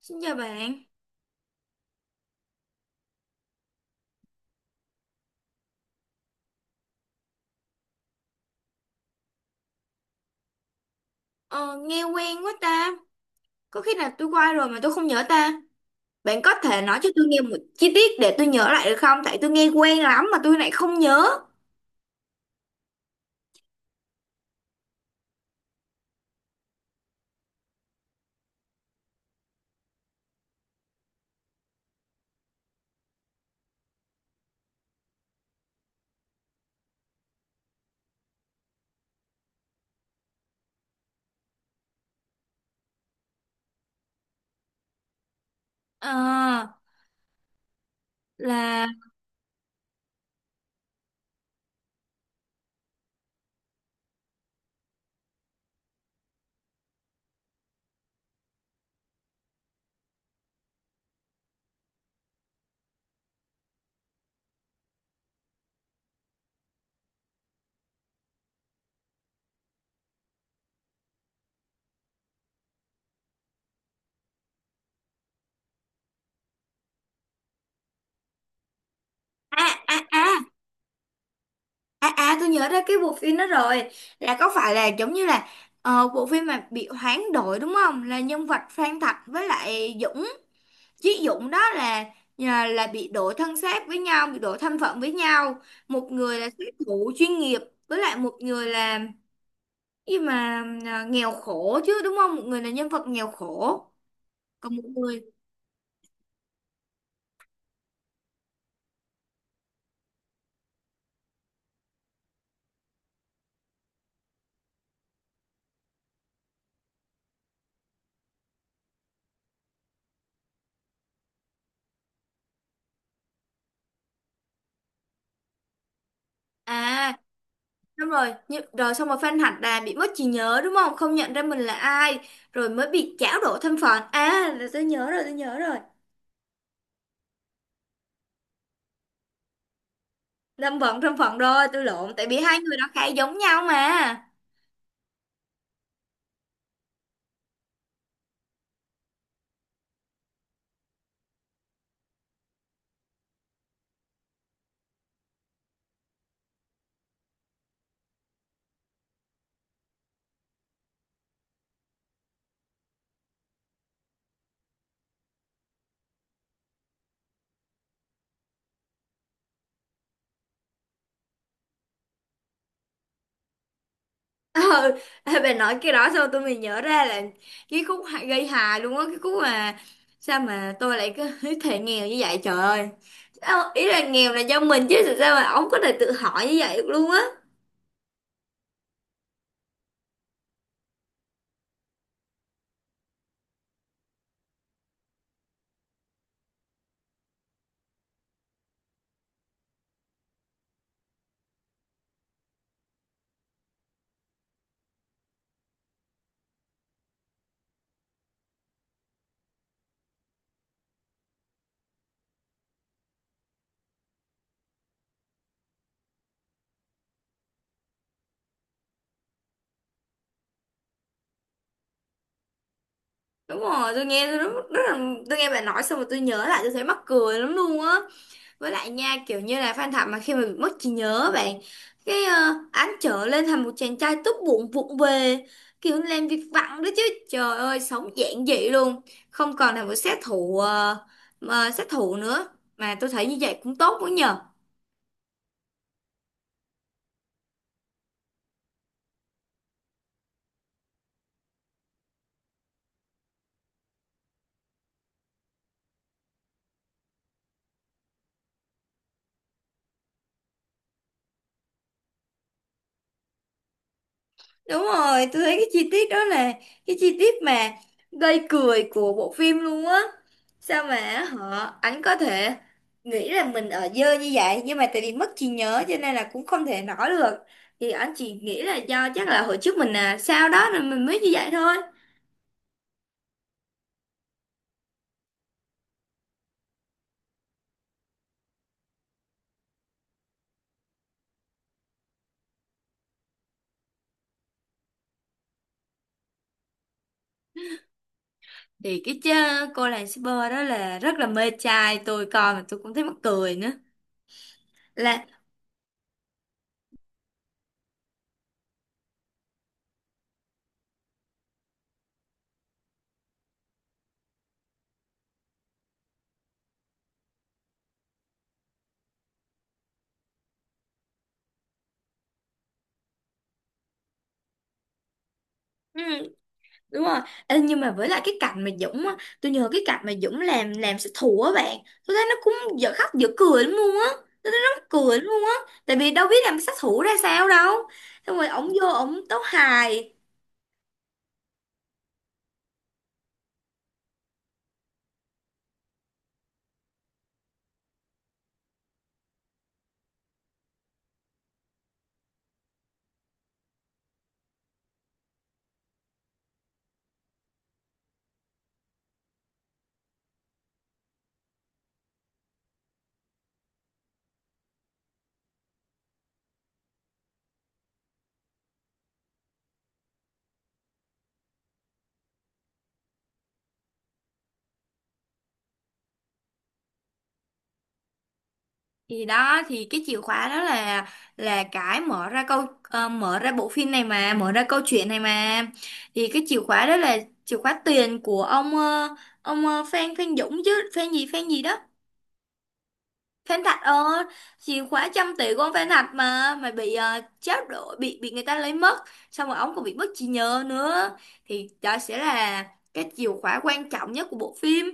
Xin chào bạn. Ờ, Nghe quen quá ta, có khi nào tôi qua rồi mà tôi không nhớ ta. Bạn có thể nói cho tôi nghe một chi tiết để tôi nhớ lại được không? Tại tôi nghe quen lắm mà tôi lại không nhớ. Ờ, là... À, à, à, à, à, tôi nhớ ra cái bộ phim đó rồi. Là có phải là giống như là bộ phim mà bị hoán đổi đúng không? Là nhân vật Phan Thạch với lại Dũng. Chí Dũng đó là là bị đổi thân xác với nhau, bị đổi thân phận với nhau. Một người là sát thủ chuyên nghiệp với lại một người là, nhưng mà nghèo khổ chứ đúng không, một người là nhân vật nghèo khổ, còn một người. À, đúng rồi, nhưng rồi xong rồi Phan Hạnh là bị mất trí nhớ đúng không, không nhận ra mình là ai, rồi mới bị chảo đổ thân phận. À, là tôi nhớ rồi, tôi nhớ rồi. Thân phận, thân phận, rồi tôi lộn, tại vì hai người đó khá giống nhau mà. Ờ. Ê, bà nói cái đó sao tôi mới nhớ ra là cái khúc gây hài luôn á, cái khúc mà sao mà tôi lại cứ thể nghèo như vậy, trời ơi. Sao, ý là nghèo là do mình chứ, sao mà ông có thể tự hỏi như vậy được luôn á. Đúng rồi, tôi nghe tôi rất là, tôi nghe bà nói xong rồi tôi nhớ lại tôi thấy mắc cười lắm luôn á. Với lại nha, kiểu như là Phan Thảo mà khi mà bị mất trí nhớ bạn, cái án trở lên thành một chàng trai tốt bụng vụng về, kiểu làm việc vặt đó chứ, trời ơi, sống giản dị luôn, không còn là một sát thủ, mà sát thủ nữa. Mà tôi thấy như vậy cũng tốt quá nhờ. Đúng rồi, tôi thấy cái chi tiết đó là cái chi tiết mà gây cười của bộ phim luôn á. Sao mà họ ảnh có thể nghĩ là mình ở dơ như vậy, nhưng mà tại vì mất trí nhớ cho nên là cũng không thể nói được. Thì ảnh chỉ nghĩ là do chắc là hồi trước mình là sao đó nên mình mới như vậy thôi. Thì cái cô làng shipper đó là rất là mê trai, tôi coi mà tôi cũng thấy mắc cười nữa. Là ừ, đúng rồi. Ê, nhưng mà với lại cái cảnh mà Dũng á, tôi nhớ cái cảnh mà Dũng làm sát thủ á bạn, tôi thấy nó cũng dở khóc dở cười lắm luôn á, tôi thấy nó mắc cười lắm luôn á, tại vì đâu biết làm sát thủ ra sao đâu, xong rồi ổng vô ổng tấu hài. Thì đó, thì cái chìa khóa đó là cái mở ra câu, mở ra bộ phim này, mà mở ra câu chuyện này mà. Thì cái chìa khóa đó là chìa khóa tiền của ông, ông, Phan Phan Dũng, chứ Phan gì đó. Phen Thạch ơi, chìa khóa trăm tỷ của ông Phen Thạch mà bị tráo đổi, bị người ta lấy mất, xong rồi ông còn bị mất trí nhớ nữa. Thì đó sẽ là cái chìa khóa quan trọng nhất của bộ phim.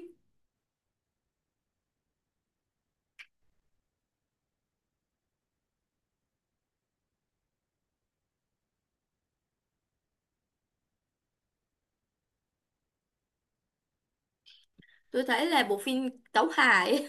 Tôi thấy là bộ phim tấu hài.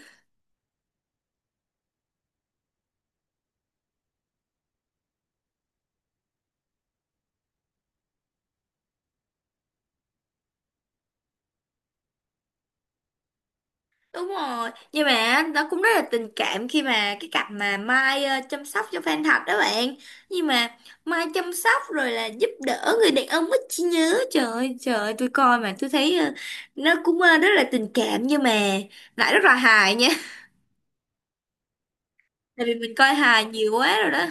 Đúng rồi, nhưng mà nó cũng rất là tình cảm khi mà cái cặp mà Mai chăm sóc cho Phan Thạch đó bạn. Nhưng mà Mai chăm sóc rồi là giúp đỡ người đàn ông ít trí nhớ. Trời ơi, tôi coi mà tôi thấy nó cũng rất là tình cảm nhưng mà lại rất là hài nha. Tại vì mình coi hài nhiều quá rồi đó.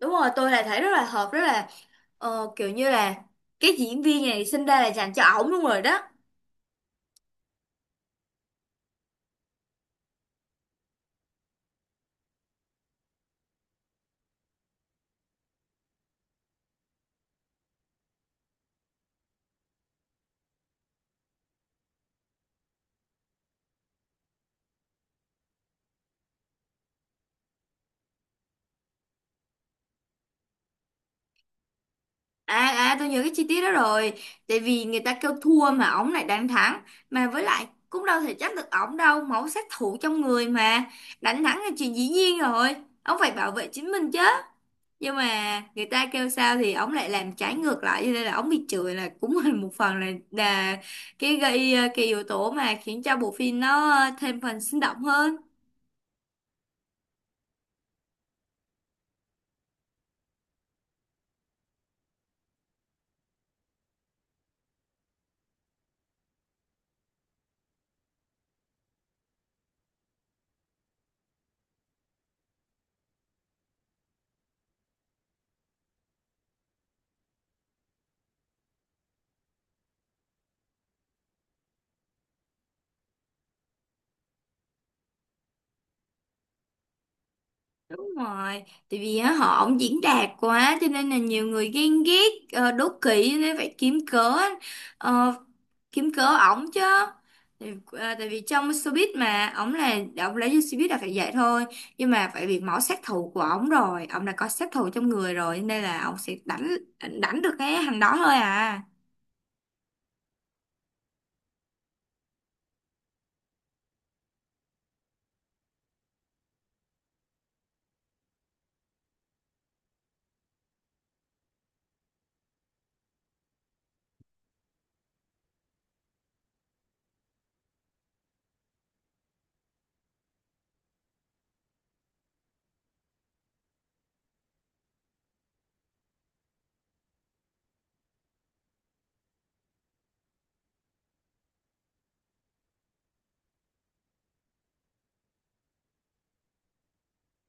Đúng rồi, tôi là thấy rất là hợp, rất là, kiểu như là cái diễn viên này sinh ra là dành cho ổng luôn rồi đó. À, à, tôi nhớ cái chi tiết đó rồi. Tại vì người ta kêu thua mà ổng lại đánh thắng. Mà với lại cũng đâu thể trách được ổng đâu, máu sát thủ trong người mà. Đánh thắng là chuyện dĩ nhiên rồi, ông phải bảo vệ chính mình chứ. Nhưng mà người ta kêu sao thì ổng lại làm trái ngược lại, cho nên là ổng bị chửi, là cũng là một phần là cái gây, cái yếu tố mà khiến cho bộ phim nó thêm phần sinh động hơn. Đúng rồi, tại vì á, họ ổng diễn đạt quá cho nên là nhiều người ghen ghét, đố kỵ, cho nên phải kiếm cớ, ờ, kiếm cớ ổng chứ. Tại, tại vì trong showbiz mà ổng là ổng lấy vô showbiz là phải vậy thôi. Nhưng mà phải bị máu sát thủ của ổng rồi, ổng đã có sát thủ trong người rồi nên là ổng sẽ đánh đánh được cái hành đó thôi à.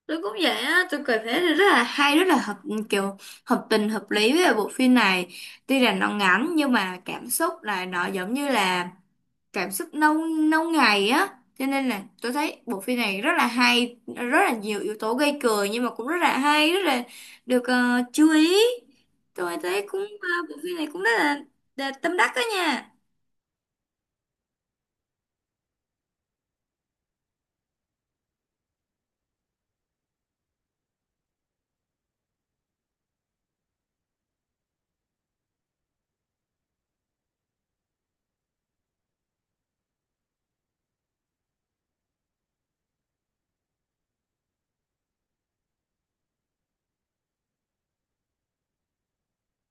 Tôi cũng vậy á, tôi cảm thấy là rất là hay, rất là hợp, kiểu hợp tình hợp lý với bộ phim này. Tuy rằng nó ngắn nhưng mà cảm xúc là nó giống như là cảm xúc lâu, lâu ngày á, cho nên là tôi thấy bộ phim này rất là hay, rất là nhiều yếu tố gây cười, nhưng mà cũng rất là hay, rất là được chú ý. Tôi thấy cũng bộ phim này cũng rất là tâm đắc đó nha.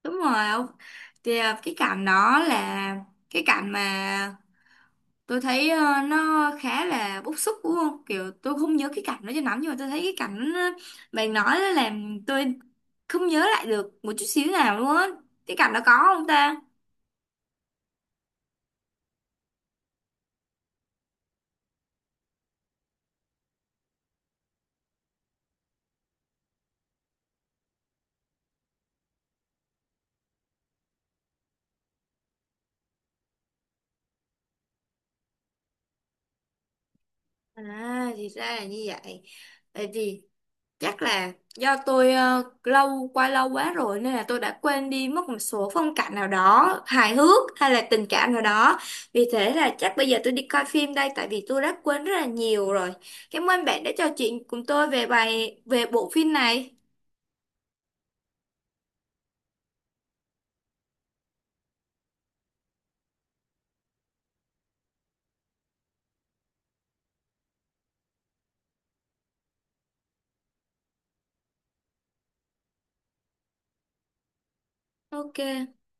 Đúng rồi ông. Thì cái cảnh đó là cái cảnh mà tôi thấy nó khá là bức xúc đúng không, kiểu tôi không nhớ cái cảnh đó cho lắm, nhưng mà tôi thấy cái cảnh, bạn nói là làm tôi không nhớ lại được một chút xíu nào luôn á, cái cảnh đó có không ta. À, thì ra là như vậy. Vậy thì chắc là do tôi, lâu qua lâu quá rồi nên là tôi đã quên đi mất một số phong cảnh nào đó hài hước hay là tình cảm nào đó. Vì thế là chắc bây giờ tôi đi coi phim đây, tại vì tôi đã quên rất là nhiều rồi. Cảm ơn bạn đã trò chuyện cùng tôi về bài về bộ phim này. OK.